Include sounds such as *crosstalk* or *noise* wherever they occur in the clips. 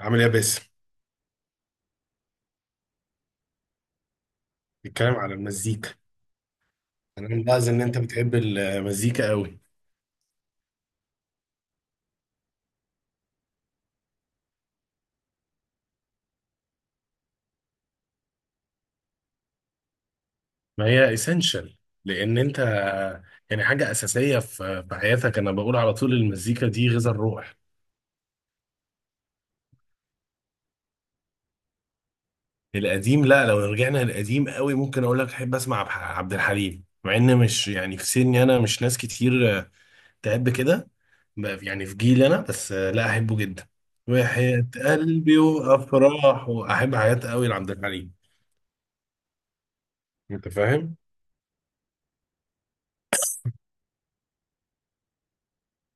عامل ايه يا باسم. بيتكلم على المزيكا. انا ملاحظ ان انت بتحب المزيكا قوي. ما هي اسينشال، لان انت حاجه اساسيه في حياتك. انا بقول على طول المزيكا دي غذاء الروح. القديم؟ لا، لو رجعنا للقديم قوي ممكن اقول لك احب اسمع عبد الحليم، مع ان مش يعني في سني انا، مش ناس كتير تحب كده. يعني في جيلي انا بس، لا احبه جدا. وحياة قلبي وافراح واحب حياة قوي لعبد الحليم. انت فاهم.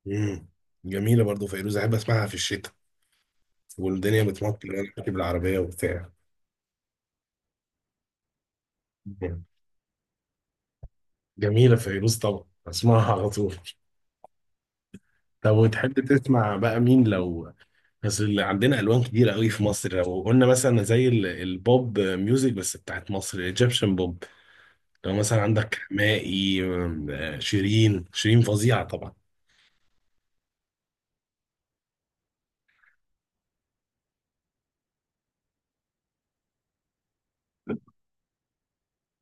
امم جميله برضو فيروز، احب اسمعها في الشتاء والدنيا بتمطر وانا راكب العربيه وبتاع. مم. جميله فيروز، طبعا اسمعها على طول. طب وتحب تسمع بقى مين؟ لو بس اللي عندنا الوان كتيره قوي في مصر. لو قلنا مثلا زي البوب ميوزك بس بتاعت مصر، الايجيبشن بوب. لو مثلا عندك حماقي، أم، آه، شيرين فظيعه طبعا.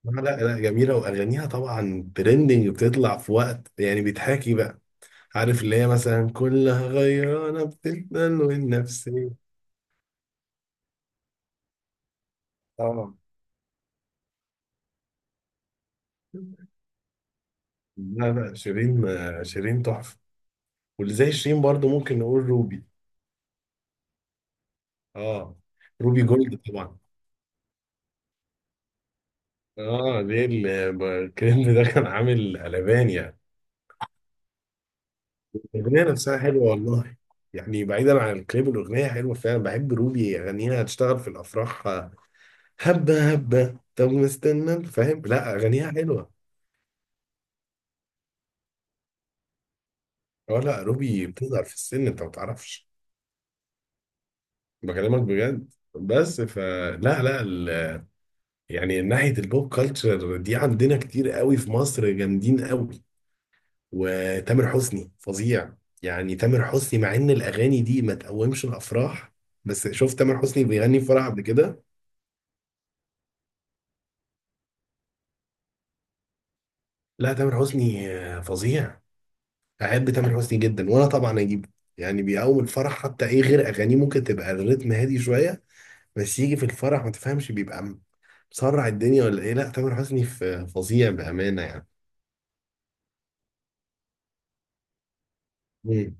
لا لا لا، جميله واغانيها طبعا ترندنج، بتطلع في وقت يعني بيتحاكي بقى. عارف اللي هي مثلا كلها غيرانة بتتنن والنفسية. اه لا لا، شيرين شيرين تحفة. واللي زي شيرين برضو ممكن نقول روبي. اه، روبي جولد طبعا. اه ليه الكليب ده كان عامل قلبان يعني. الأغنية نفسها حلوة والله. يعني بعيدا عن الكليب، الأغنية حلوة فعلا. بحب روبي، أغانيها هتشتغل في الأفراح. هبة طب مستنى فاهم، لا أغانيها حلوة. اه لا، روبي بتظهر في السن أنت ما تعرفش. بكلمك بجد بس فلا. لا يعني ناحية البوب كلتشر دي عندنا كتير قوي في مصر، جامدين قوي. وتامر حسني فظيع. يعني تامر حسني مع ان الاغاني دي ما تقومش الافراح، بس شوف تامر حسني بيغني في فرح قبل كده. لا تامر حسني فظيع. احب تامر حسني جدا، وانا طبعا اجيبه. يعني بيقوم الفرح. حتى ايه، غير اغانيه ممكن تبقى الريتم هادي شوية، بس يجي في الفرح ما تفهمش، بيبقى مسرع الدنيا ولا ايه. لا تامر حسني فظيع بأمانة يعني.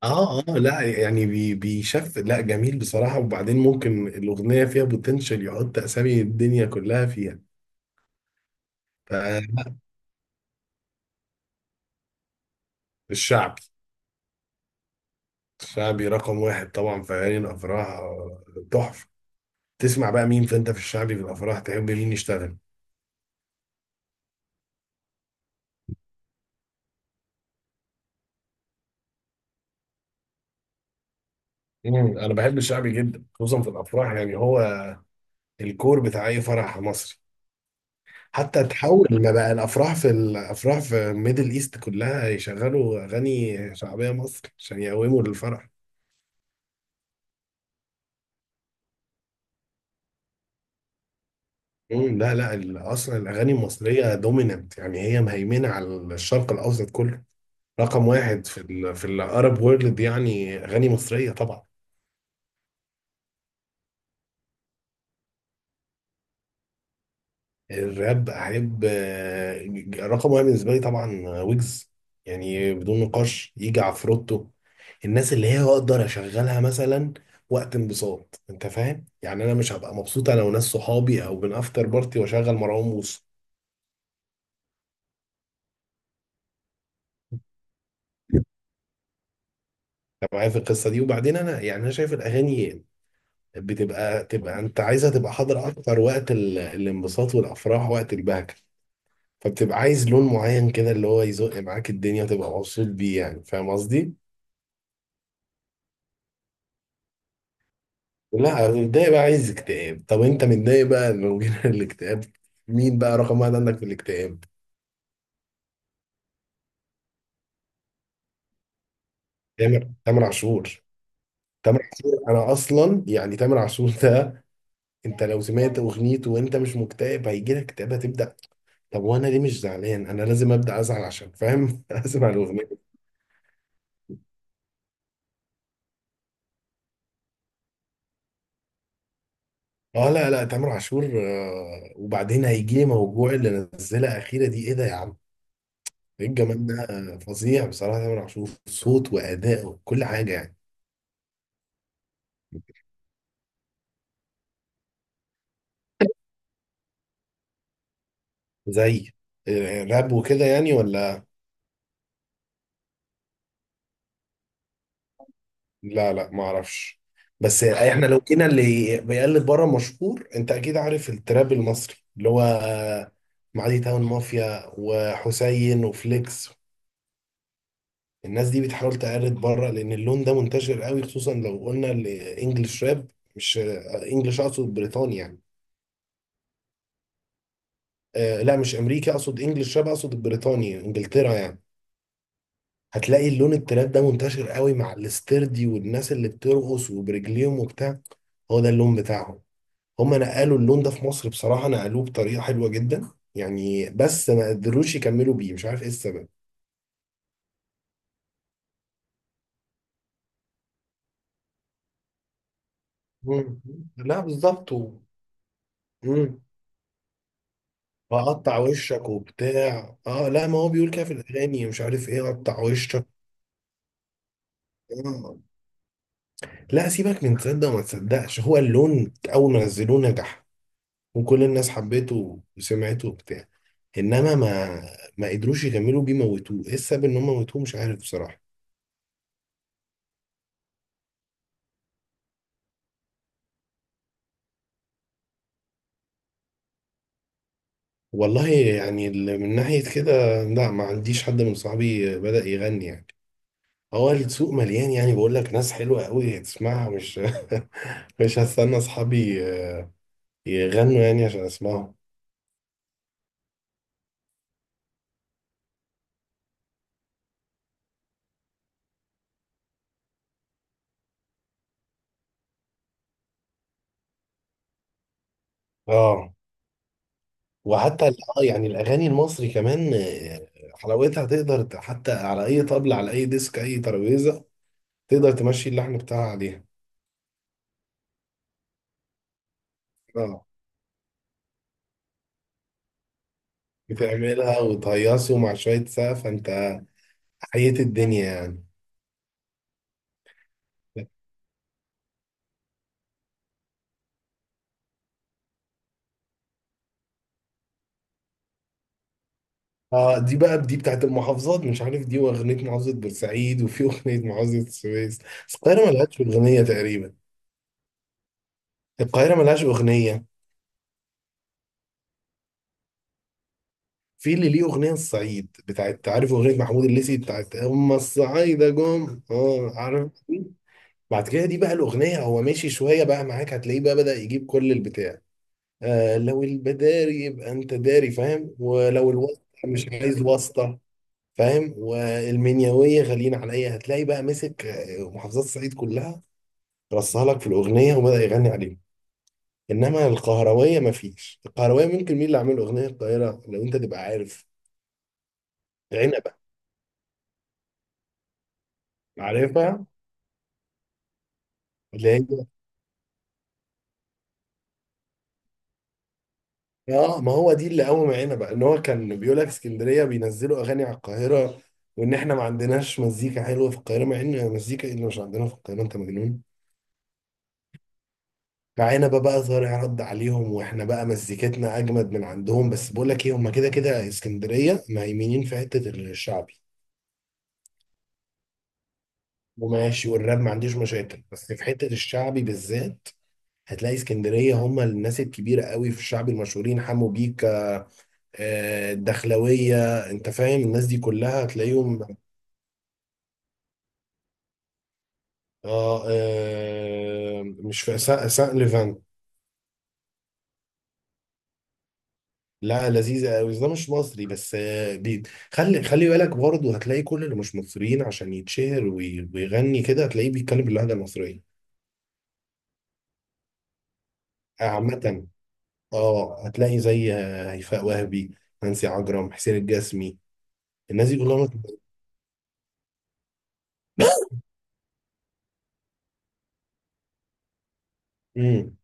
اه اه لا يعني بيشف لا جميل بصراحة. وبعدين ممكن الأغنية فيها بوتنشال يحط أسامي الدنيا كلها فيها. فالشعبي. الشعبي رقم واحد طبعا في أغاني الأفراح. تحفة. تسمع بقى مين، فأنت في الشعبي في الأفراح تحب مين يشتغل؟ مم، أنا بحب الشعبي جدا خصوصا في الأفراح. يعني هو الكور بتاع أي فرح مصري. حتى تحول ما بقى الأفراح، في الأفراح في ميدل إيست كلها يشغلوا أغاني شعبية مصري عشان يقوموا للفرح. مم، لا لا اصلا الاغاني المصريه دوميننت، يعني هي مهيمنه على الشرق الاوسط كله. رقم واحد في ال في الارب وورلد، يعني اغاني مصريه طبعا. الراب احب، رقم واحد بالنسبه لي طبعا ويجز، يعني بدون نقاش. يجي عفروتو. الناس اللي هي اقدر اشغلها مثلا وقت انبساط، انت فاهم يعني. انا مش هبقى مبسوط انا وناس صحابي او بنافتر بارتي واشغل مروان موسى. انت معايا في القصه دي. وبعدين انا يعني انا شايف الاغاني بتبقى انت عايزها تبقى حاضر اكتر وقت الانبساط والافراح، وقت البهجه. فبتبقى عايز لون معين كده اللي هو يزق معاك الدنيا وتبقى مبسوط بيه، يعني فاهم قصدي؟ لا متضايق بقى عايز اكتئاب. طب انت متضايق بقى، لو جينا *laughs* الاكتئاب مين بقى رقم واحد عندك في الاكتئاب؟ تامر عاشور. تامر عاشور، انا اصلا يعني تامر عاشور ده، انت لو سمعت اغنيته وانت مش مكتئب هيجي لك اكتئاب، هتبدا. طب وانا ليه مش زعلان؟ انا لازم ابدا ازعل عشان فاهم؟ *laughs* اسمع الاغنيه. اه لا لا تامر عاشور وبعدين هيجي لي موجوع. اللي نزلها اخيره دي ايه ده يا عم؟ ايه الجمال ده. فظيع بصراحه تامر عاشور، صوت واداء وكل حاجه يعني. زي راب وكده يعني ولا؟ لا لا ما اعرفش. بس احنا لو كنا اللي بيقلد بره مشهور، انت اكيد عارف التراب المصري اللي هو، معادي تاون مافيا وحسين وفليكس. الناس دي بتحاول تقلد بره لان اللون ده منتشر قوي، خصوصا لو قلنا الانجليش راب. مش انجليش، اقصد بريطانيا يعني. آه لا مش امريكا، اقصد انجليش راب، اقصد بريطانيا انجلترا يعني. هتلاقي اللون التراب ده منتشر قوي مع الاستردي، والناس اللي بترقص وبرجليهم وبتاع. هو ده اللون بتاعهم. هم نقلوا اللون ده في مصر بصراحة نقلوه بطريقة حلوة جدا يعني، بس ما قدروش يكملوا بيه مش عارف ايه السبب. مم. لا بالظبط. مم. اقطع وشك وبتاع. اه لا ما هو بيقول كده في الاغاني مش عارف ايه، اقطع وشك. آه. لا سيبك من تصدق وما تصدقش، هو اللون اول ما نزلوه نجح وكل الناس حبته وسمعته وبتاع، انما ما قدروش يكملوا بيه، موتوه، ايه السبب ان هم موتوه مش عارف بصراحة. والله يعني من ناحية كده لا ما عنديش حد من صحابي بدأ يغني يعني. هو السوق مليان، يعني بقول لك ناس حلوة قوي تسمعها، مش *laughs* مش هستنى اصحابي يغنوا يعني عشان اسمعهم. اه. وحتى اه يعني الاغاني المصري كمان، حلاوتها تقدر حتى على اي طبلة على اي ديسك اي ترابيزه تقدر تمشي اللحن بتاعها عليها. اه. بتعملها وتهيصه مع شويه سقف، انت حييت الدنيا يعني. اه دي بقى دي بتاعت المحافظات مش عارف، دي واغنيه محافظه بورسعيد، وفي *laughs* اغنيه محافظه السويس، بس القاهره ملهاش اغنيه تقريبا. القاهره ملهاش اغنيه. في اللي ليه اغنيه الصعيد بتاعت، عارف اغنيه محمود الليثي بتاعت هم الصعايده جم؟ اه عارف. بعد كده دي بقى الأغنية هو ماشي شوية بقى معاك هتلاقيه بقى بدأ يجيب كل البتاع. آه لو البداري يبقى أنت داري فاهم، ولو الواسطة مش عايز واسطة فاهم، والمنيوية غاليين عليا. هتلاقي بقى مسك، محافظات الصعيد كلها رصها لك في الأغنية وبدأ يغني عليهم. إنما القهروية مفيش، القهروية ممكن مين اللي عامل أغنية القاهرة لو أنت تبقى عارف؟ عنبة. عارفها اللي هي. اه ما هو دي اللي قوم معانا بقى ان هو كان بيقول لك اسكندريه بينزلوا اغاني على القاهره، وان احنا ما عندناش مزيكا حلوه في القاهره، مع ان مزيكا ايه اللي مش عندنا في القاهره انت مجنون. معانا بقى طارق رد عليهم، واحنا بقى مزيكتنا اجمد من عندهم. بس بقول لك ايه، هم كده كده اسكندريه مهيمنين في حته الشعبي. وماشي والراب ما عنديش مشاكل، بس في حته الشعبي بالذات هتلاقي اسكندريه هم الناس الكبيره قوي في الشعب المشهورين، حمو بيكا، الدخلويه. انت فاهم الناس دي كلها هتلاقيهم. اه مش في سان سان ليفان. لا لذيذة قوي، ده مش مصري بس، دي خلي بالك برضه هتلاقي كل اللي مش مصريين عشان يتشهر ويغني كده هتلاقيه بيتكلم باللهجة المصرية. عامة اه هتلاقي زي هيفاء وهبي، نانسي عجرم، حسين الجسمي، الناس دي كلها مصر. امم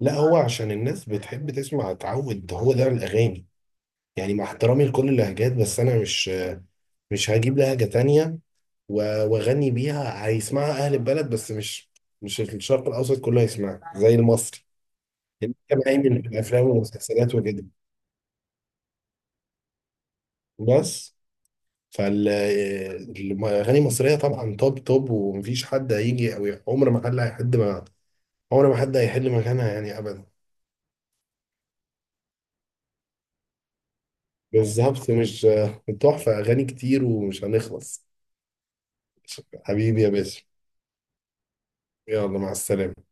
لا هو عشان الناس بتحب تسمع تعود، هو ده الاغاني. يعني مع احترامي لكل اللهجات بس انا مش مش هجيب لهجة تانية واغني بيها، هيسمعها اهل البلد بس، مش مش الشرق الاوسط كله هيسمعها زي المصري. اللي كان هيمن في الافلام والمسلسلات وكده بس. فالاغاني المصريه طبعا توب توب، ومفيش حد هيجي او عمر ما حد هيحد ما عمر ما حد هيحل مكانها يعني ابدا. بالظبط مش تحفه، اغاني كتير ومش هنخلص. حبيبي يا باشا، يلا مع السلامه.